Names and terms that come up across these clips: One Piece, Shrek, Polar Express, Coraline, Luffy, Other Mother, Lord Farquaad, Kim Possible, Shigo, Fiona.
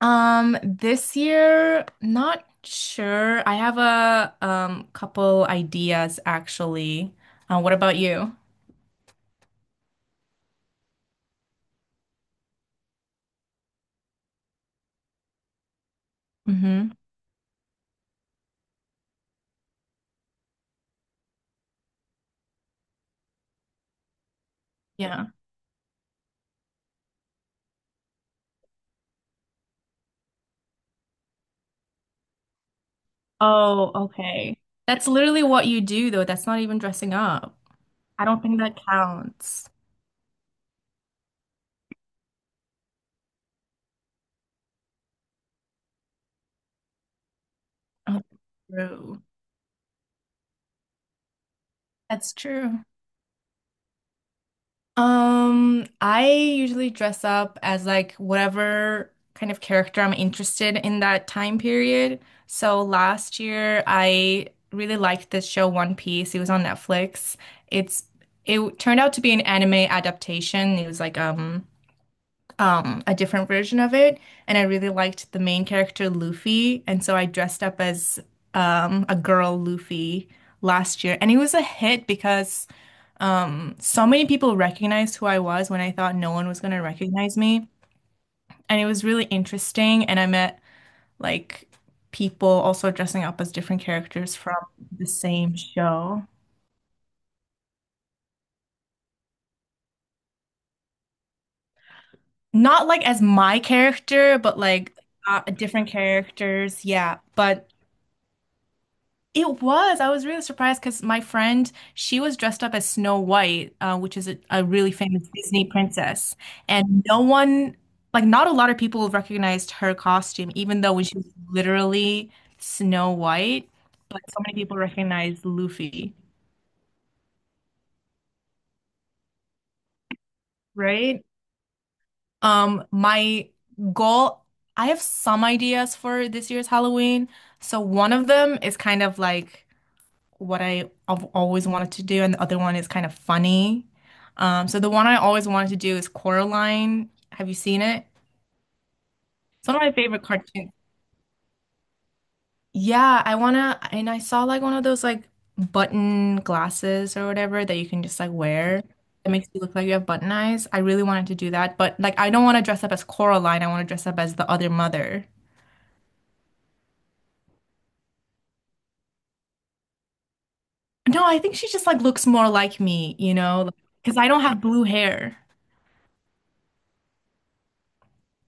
This year, not sure. I have a couple ideas actually. What about you? Mm-hmm. Yeah. Oh, okay. That's literally what you do though. That's not even dressing up. I don't think that counts. Oh, true. That's true. I usually dress up as like whatever kind of character I'm interested in that time period. So last year I really liked this show One Piece. It was on Netflix. It's it turned out to be an anime adaptation. It was like a different version of it, and I really liked the main character Luffy, and so I dressed up as a girl Luffy last year, and it was a hit because so many people recognized who I was when I thought no one was going to recognize me. And it was really interesting, and I met, like, people also dressing up as different characters from the same show. Not like as my character, but like different characters, yeah. But it was. I was really surprised because my friend, she was dressed up as Snow White, which is a really famous Disney princess. And no one, like, not a lot of people recognized her costume, even though when she was literally Snow White, but so many people recognized Luffy, right? My goal, I have some ideas for this year's Halloween. So one of them is kind of like what I have always wanted to do, and the other one is kind of funny. So the one I always wanted to do is Coraline. Have you seen it? It's one of my favorite cartoons. Yeah, I wanna, and I saw like one of those like button glasses or whatever that you can just like wear that makes you look like you have button eyes. I really wanted to do that, but like I don't want to dress up as Coraline. I want to dress up as the other mother. No, I think she just like looks more like me, you know, because I don't have blue hair.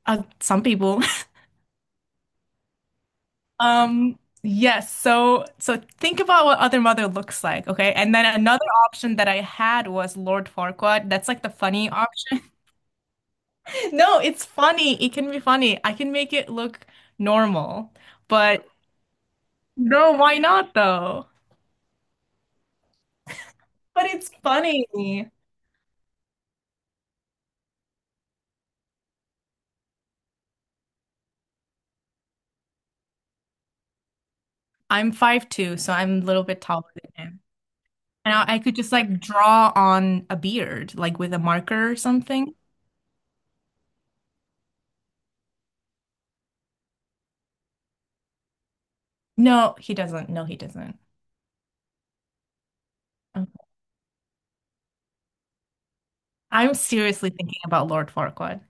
Some people. Yes, so think about what Other Mother looks like, okay? And then another option that I had was Lord Farquaad. That's like the funny option. No, it's funny. It can be funny. I can make it look normal. But no, why not though? But it's funny. I'm 5'2", so I'm a little bit taller than him. And I could just like draw on a beard, like with a marker or something. No, he doesn't. No, he doesn't. Okay. I'm seriously thinking about Lord Farquaad.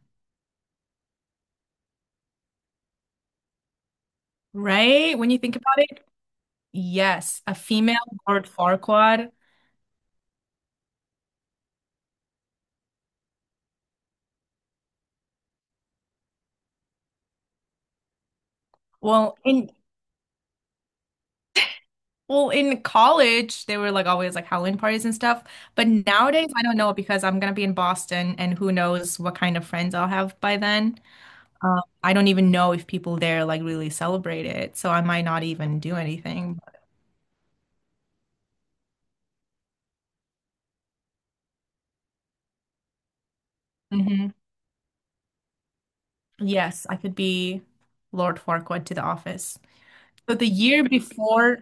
Right? When you think about it, yes, a female Lord Farquaad. Well, in well, in college, they were like always like Halloween parties and stuff. But nowadays, I don't know because I'm gonna be in Boston, and who knows what kind of friends I'll have by then. I don't even know if people there like really celebrate it, so I might not even do anything. Mhm. Yes, I could be Lord Farquaad to the office. So the year before,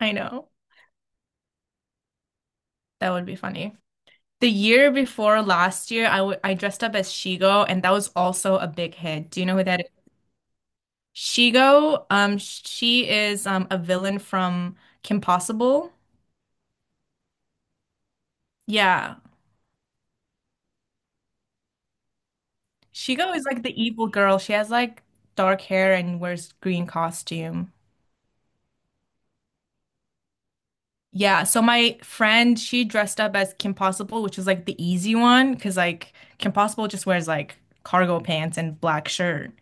I know that would be funny. The year before last year, I dressed up as Shigo, and that was also a big hit. Do you know who that is? Shigo, she is a villain from Kim Possible. Yeah, Shigo is like the evil girl. She has like dark hair and wears green costume. Yeah, so my friend, she dressed up as Kim Possible, which was like the easy one, because like Kim Possible just wears like cargo pants and black shirt.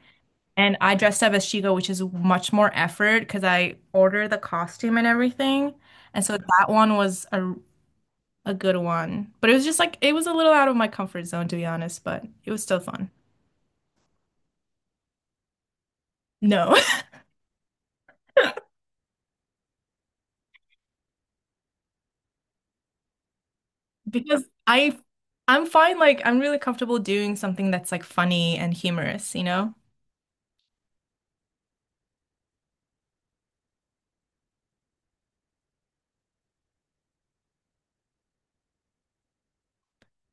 And I dressed up as Shigo, which is much more effort because I ordered the costume and everything. And so that one was a good one. But it was just like it was a little out of my comfort zone to be honest, but it was still fun. No. Because I'm fine, like I'm really comfortable doing something that's like funny and humorous, you know?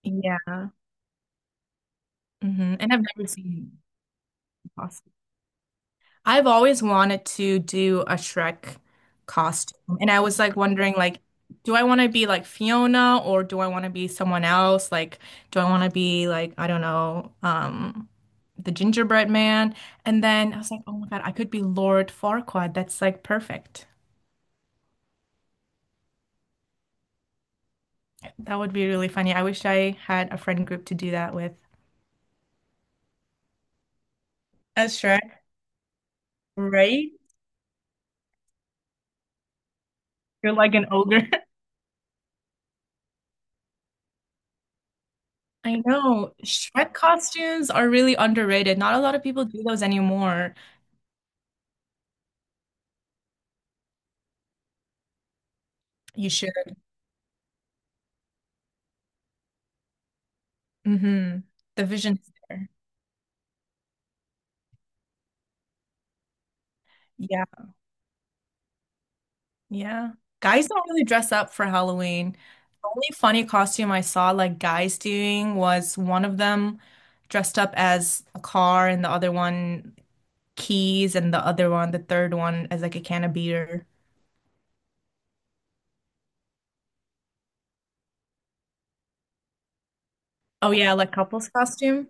Yeah. And I've never seen Impossible. I've always wanted to do a Shrek costume. And I was like wondering like, do I want to be like Fiona or do I want to be someone else? Like do I want to be like, I don't know, the gingerbread man? And then I was like, "Oh my God, I could be Lord Farquaad. That's like perfect." That would be really funny. I wish I had a friend group to do that with. As Shrek, right? You're like an ogre. I know. Shrek costumes are really underrated. Not a lot of people do those anymore. You should. hmm The vision is there. Yeah. Yeah. Guys don't really dress up for Halloween. The only funny costume I saw like guys doing was one of them dressed up as a car and the other one keys and the other one, the third one as like a can of beer. Oh yeah, like couples costume.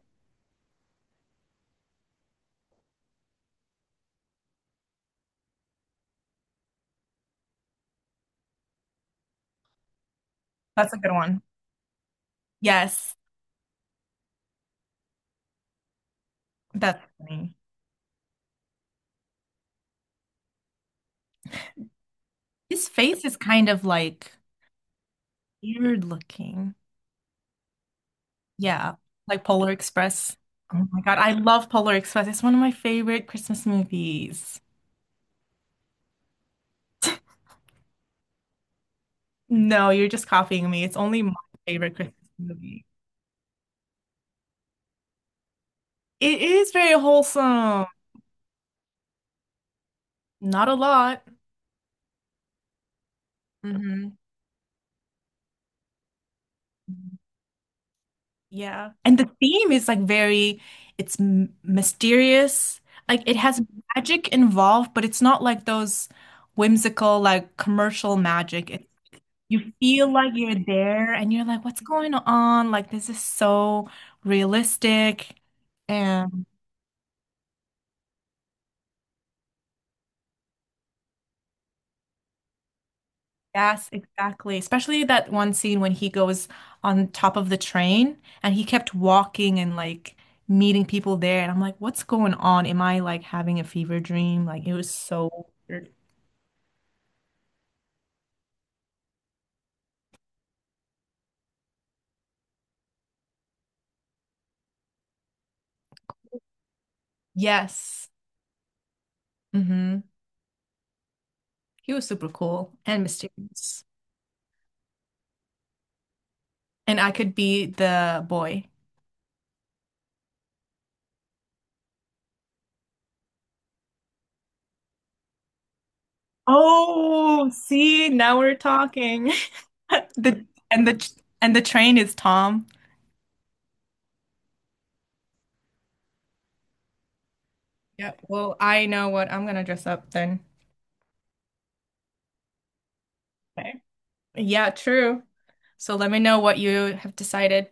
That's a good one. Yes. That's funny. His face is kind of like weird looking. Yeah, like Polar Express. Oh my God, I love Polar Express. It's one of my favorite Christmas movies. No, you're just copying me. It's only my favorite Christmas movie. It is very wholesome. Not a lot. Hmm. Yeah. And the theme is like very, it's m mysterious. Like it has magic involved, but it's not like those whimsical, like commercial magic. It's you feel like you're there and you're like, what's going on? Like, this is so realistic. And yes, exactly. Especially that one scene when he goes on top of the train and he kept walking and like meeting people there. And I'm like, what's going on? Am I like having a fever dream? Like, it was so weird. Yes. Mm-hmm. He was super cool and mysterious. And I could be the boy. Oh, see, now we're talking. The and the and the train is Tom. Yeah, well, I know what I'm gonna dress up then. Okay. Yeah, true. So let me know what you have decided.